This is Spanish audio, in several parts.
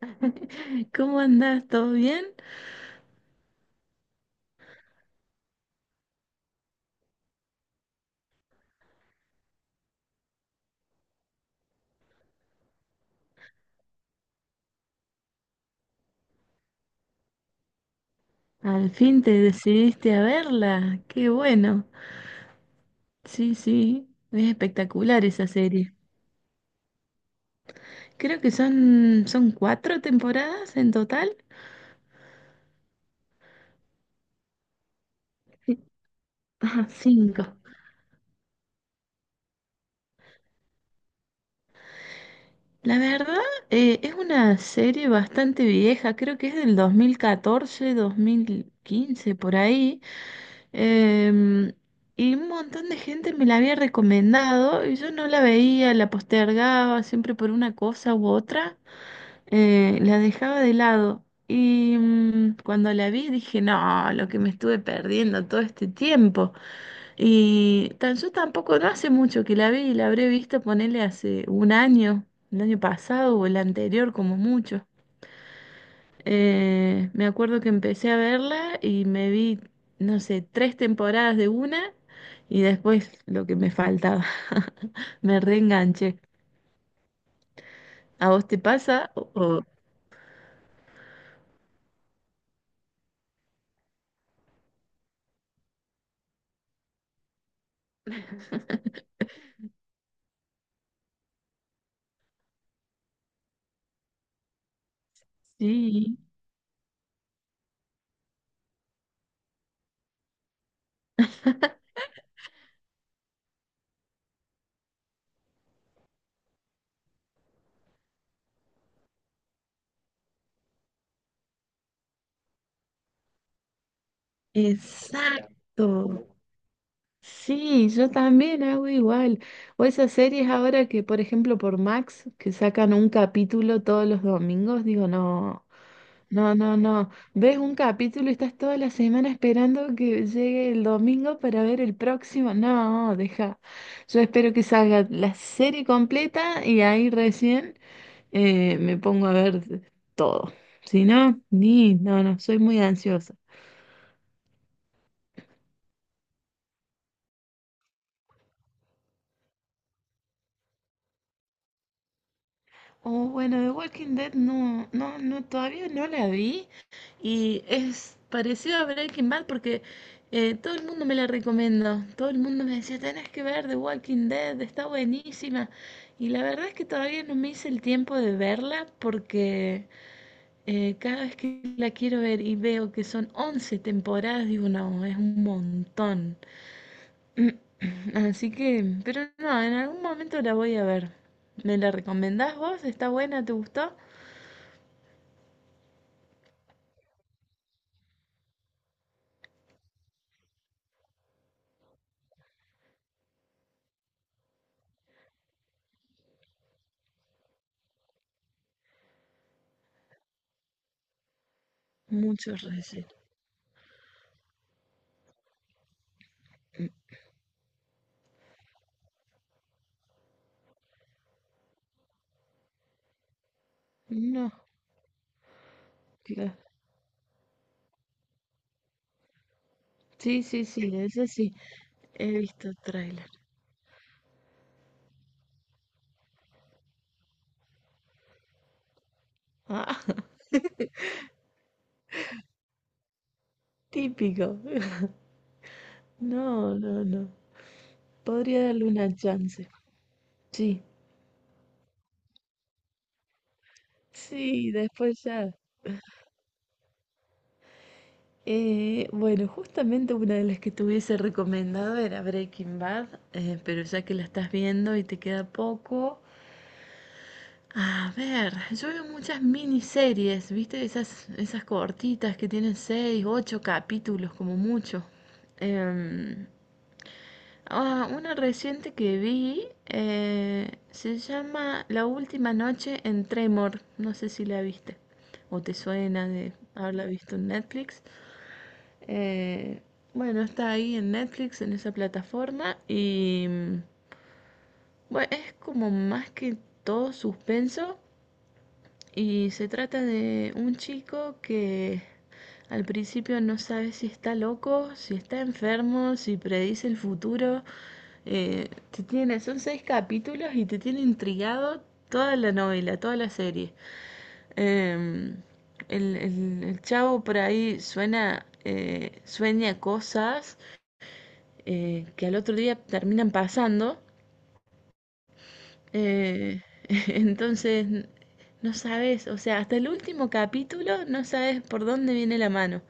¿Cómo andás? ¿Todo bien? Al fin te decidiste a verla. Qué bueno. Sí, sí, es espectacular esa serie. Creo que son cuatro temporadas en total. Sí. Ajá, cinco. La verdad, es una serie bastante vieja, creo que es del dos mil catorce, 2015 por ahí. Em, y un montón de gente me la había recomendado y yo no la veía, la postergaba siempre por una cosa u otra. La dejaba de lado. Cuando la vi dije, no, lo que me estuve perdiendo todo este tiempo. Yo tampoco, no hace mucho que la vi, y la habré visto ponerle hace un año, el año pasado o el anterior como mucho. Me acuerdo que empecé a verla y me vi, no sé, tres temporadas de una y después lo que me faltaba. Me reenganché. ¿A vos te pasa? Sí. Exacto. Sí, yo también hago igual. O esas series ahora que, por ejemplo, por Max, que sacan un capítulo todos los domingos, digo, no, no, no, no. Ves un capítulo y estás toda la semana esperando que llegue el domingo para ver el próximo. No, deja. Yo espero que salga la serie completa y ahí recién me pongo a ver todo. Si no, ni, no, no, soy muy ansiosa. Oh, bueno, The Walking Dead no, no, no, todavía no la vi y es parecido a Breaking Bad porque todo el mundo me la recomendó, todo el mundo me decía, tenés que ver The Walking Dead, está buenísima y la verdad es que todavía no me hice el tiempo de verla porque cada vez que la quiero ver y veo que son 11 temporadas, digo, no, es un montón. Así que, pero no, en algún momento la voy a ver. ¿Me la recomendás vos? ¿Está buena? ¿Te gustó? Muchos recelos. No, claro. Sí, sí, sí, de ese sí. He visto tráiler. Ah, típico. No, no, no. Podría darle una chance. Sí, sí, después ya. Bueno, justamente una de las que te hubiese recomendado era Breaking Bad, pero ya que la estás viendo y te queda poco, a ver, yo veo muchas miniseries, ¿viste? Esas cortitas que tienen seis, ocho capítulos como mucho. Em, una reciente que vi se llama La última noche en Tremor. No sé si la viste o te suena de haberla visto en Netflix. Eh, bueno, está ahí en Netflix, en esa plataforma bueno, es como más que todo suspenso. Y se trata de un chico que al principio no sabe si está loco, si está enfermo, si predice el futuro. Te tiene, son seis capítulos y te tiene intrigado toda la novela, toda la serie. Em, el chavo por ahí suena, sueña cosas que al otro día terminan pasando eh, entonces, no sabes, o sea, hasta el último capítulo no sabes por dónde viene la mano.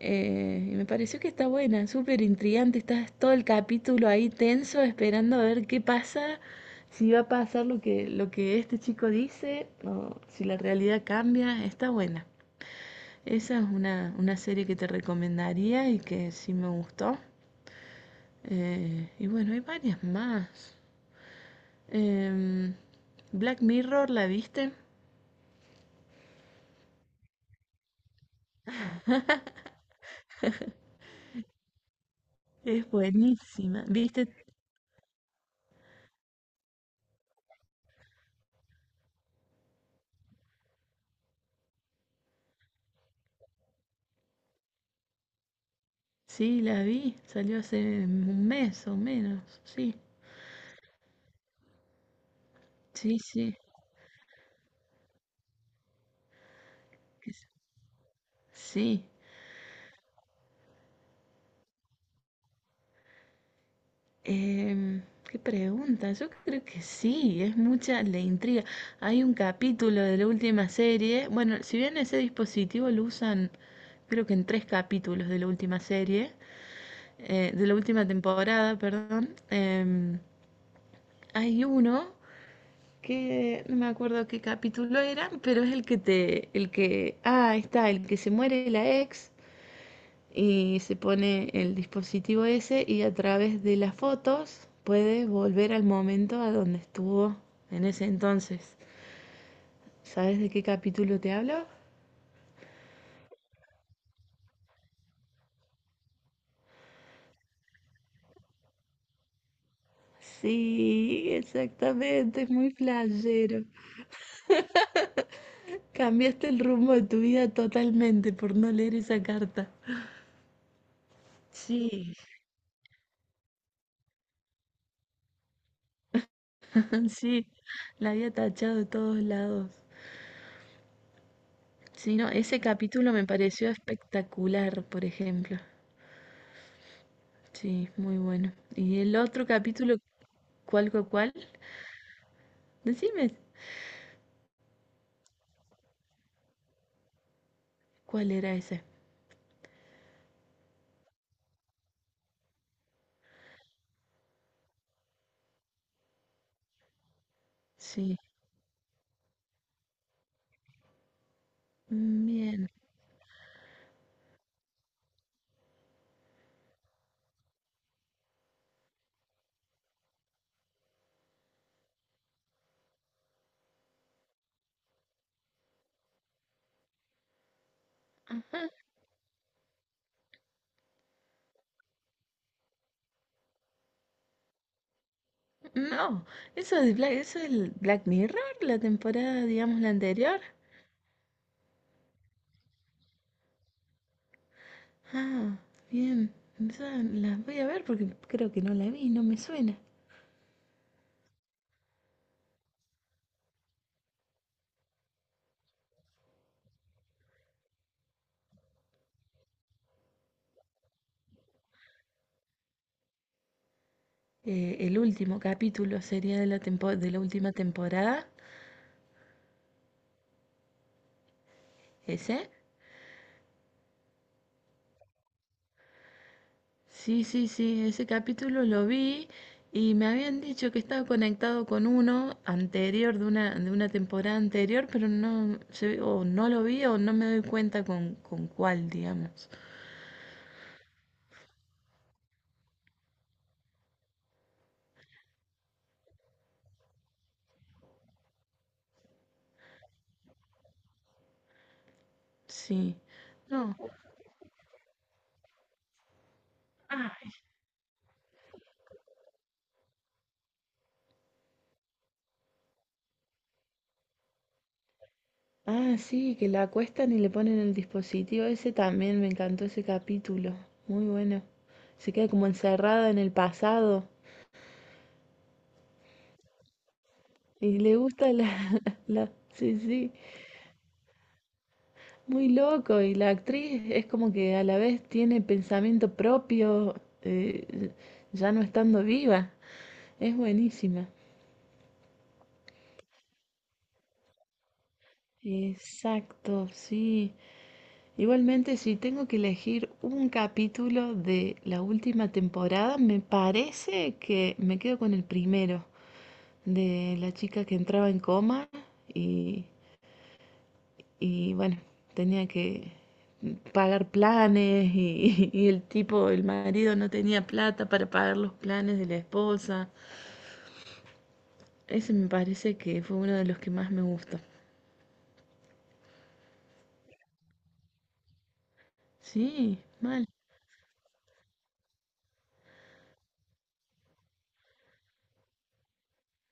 Y me pareció que está buena, súper intrigante, estás todo el capítulo ahí tenso esperando a ver qué pasa, si va a pasar lo que este chico dice o si la realidad cambia, está buena. Esa es una serie que te recomendaría y que sí me gustó. Y bueno, hay varias más. Em, Black Mirror, ¿la viste? Es buenísima. ¿Viste? Sí, la vi. Salió hace un mes o menos. Sí, sí, sí. que se- Sí. Em, ¿Qué pregunta? Yo creo que sí. Es mucha la intriga. Hay un capítulo de la última serie. Bueno, si bien ese dispositivo lo usan, creo que en tres capítulos de la última serie, de la última temporada, perdón. Hay uno. Que no me acuerdo qué capítulo eran, pero es el que te, el que, ah, ahí está, el que se muere la ex y se pone el dispositivo ese y a través de las fotos puede volver al momento a donde estuvo en ese entonces. ¿Sabes de qué capítulo te hablo? Sí, exactamente, es muy flashero. Cambiaste el rumbo de tu vida totalmente por no leer esa carta. Sí, sí, la había tachado de todos lados. Sí, no, ese capítulo me pareció espectacular, por ejemplo. Sí, muy bueno. Y el otro capítulo, ¿cuál, cuál, cuál? Decime, ¿cuál era ese? Sí, mm, bien. Ajá. No, eso es el Black Mirror, la temporada, digamos, la anterior. Ah, bien. Esa la voy a ver porque creo que no la vi, no me suena. El último capítulo sería de de la última temporada, ese. Sí, sí, sí, ese capítulo lo vi y me habían dicho que estaba conectado con uno anterior, de una temporada anterior, pero no, o no lo vi o no me doy cuenta con cuál, digamos. Sí. No. Ah, sí, que la acuestan y le ponen el dispositivo. Ese también me encantó ese capítulo. Muy bueno. Se queda como encerrada en el pasado y le gusta la, la. Sí, sí. Muy loco, y la actriz es como que a la vez tiene pensamiento propio, eh, ya no estando viva. Es buenísima. Exacto, sí. Igualmente, si tengo que elegir un capítulo de la última temporada, me parece que me quedo con el primero, de la chica que entraba en coma y Y bueno, tenía que pagar planes y el tipo, el marido no tenía plata para pagar los planes de la esposa. Ese me parece que fue uno de los que más me gustó. Sí, mal.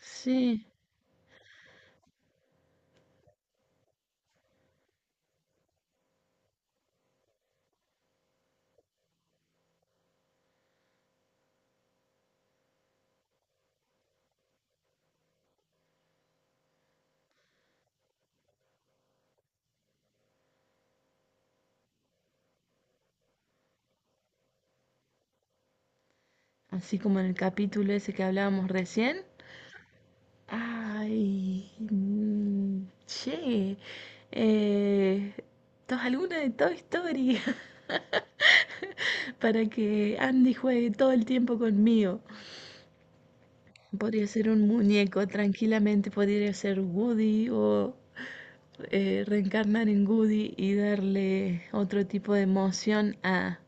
Sí, así como en el capítulo ese que hablábamos recién. Ay, che, eh, ¿tos alguna de Toy Story? Para que Andy juegue todo el tiempo conmigo. Podría ser un muñeco, tranquilamente podría ser Woody o reencarnar en Woody y darle otro tipo de emoción a,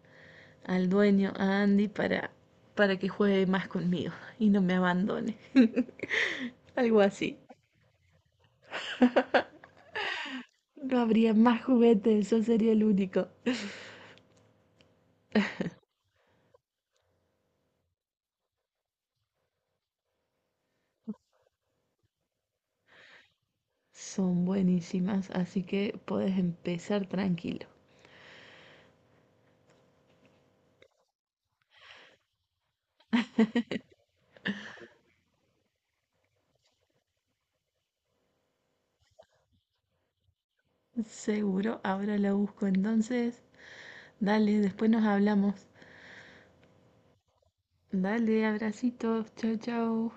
al dueño, a Andy, para que juegue más conmigo y no me abandone. Algo así. No habría más juguetes, eso sería el único. Son buenísimas, así que puedes empezar tranquilo. Seguro, ahora la busco entonces. Dale, después nos hablamos. Dale, abracitos, chao, chao.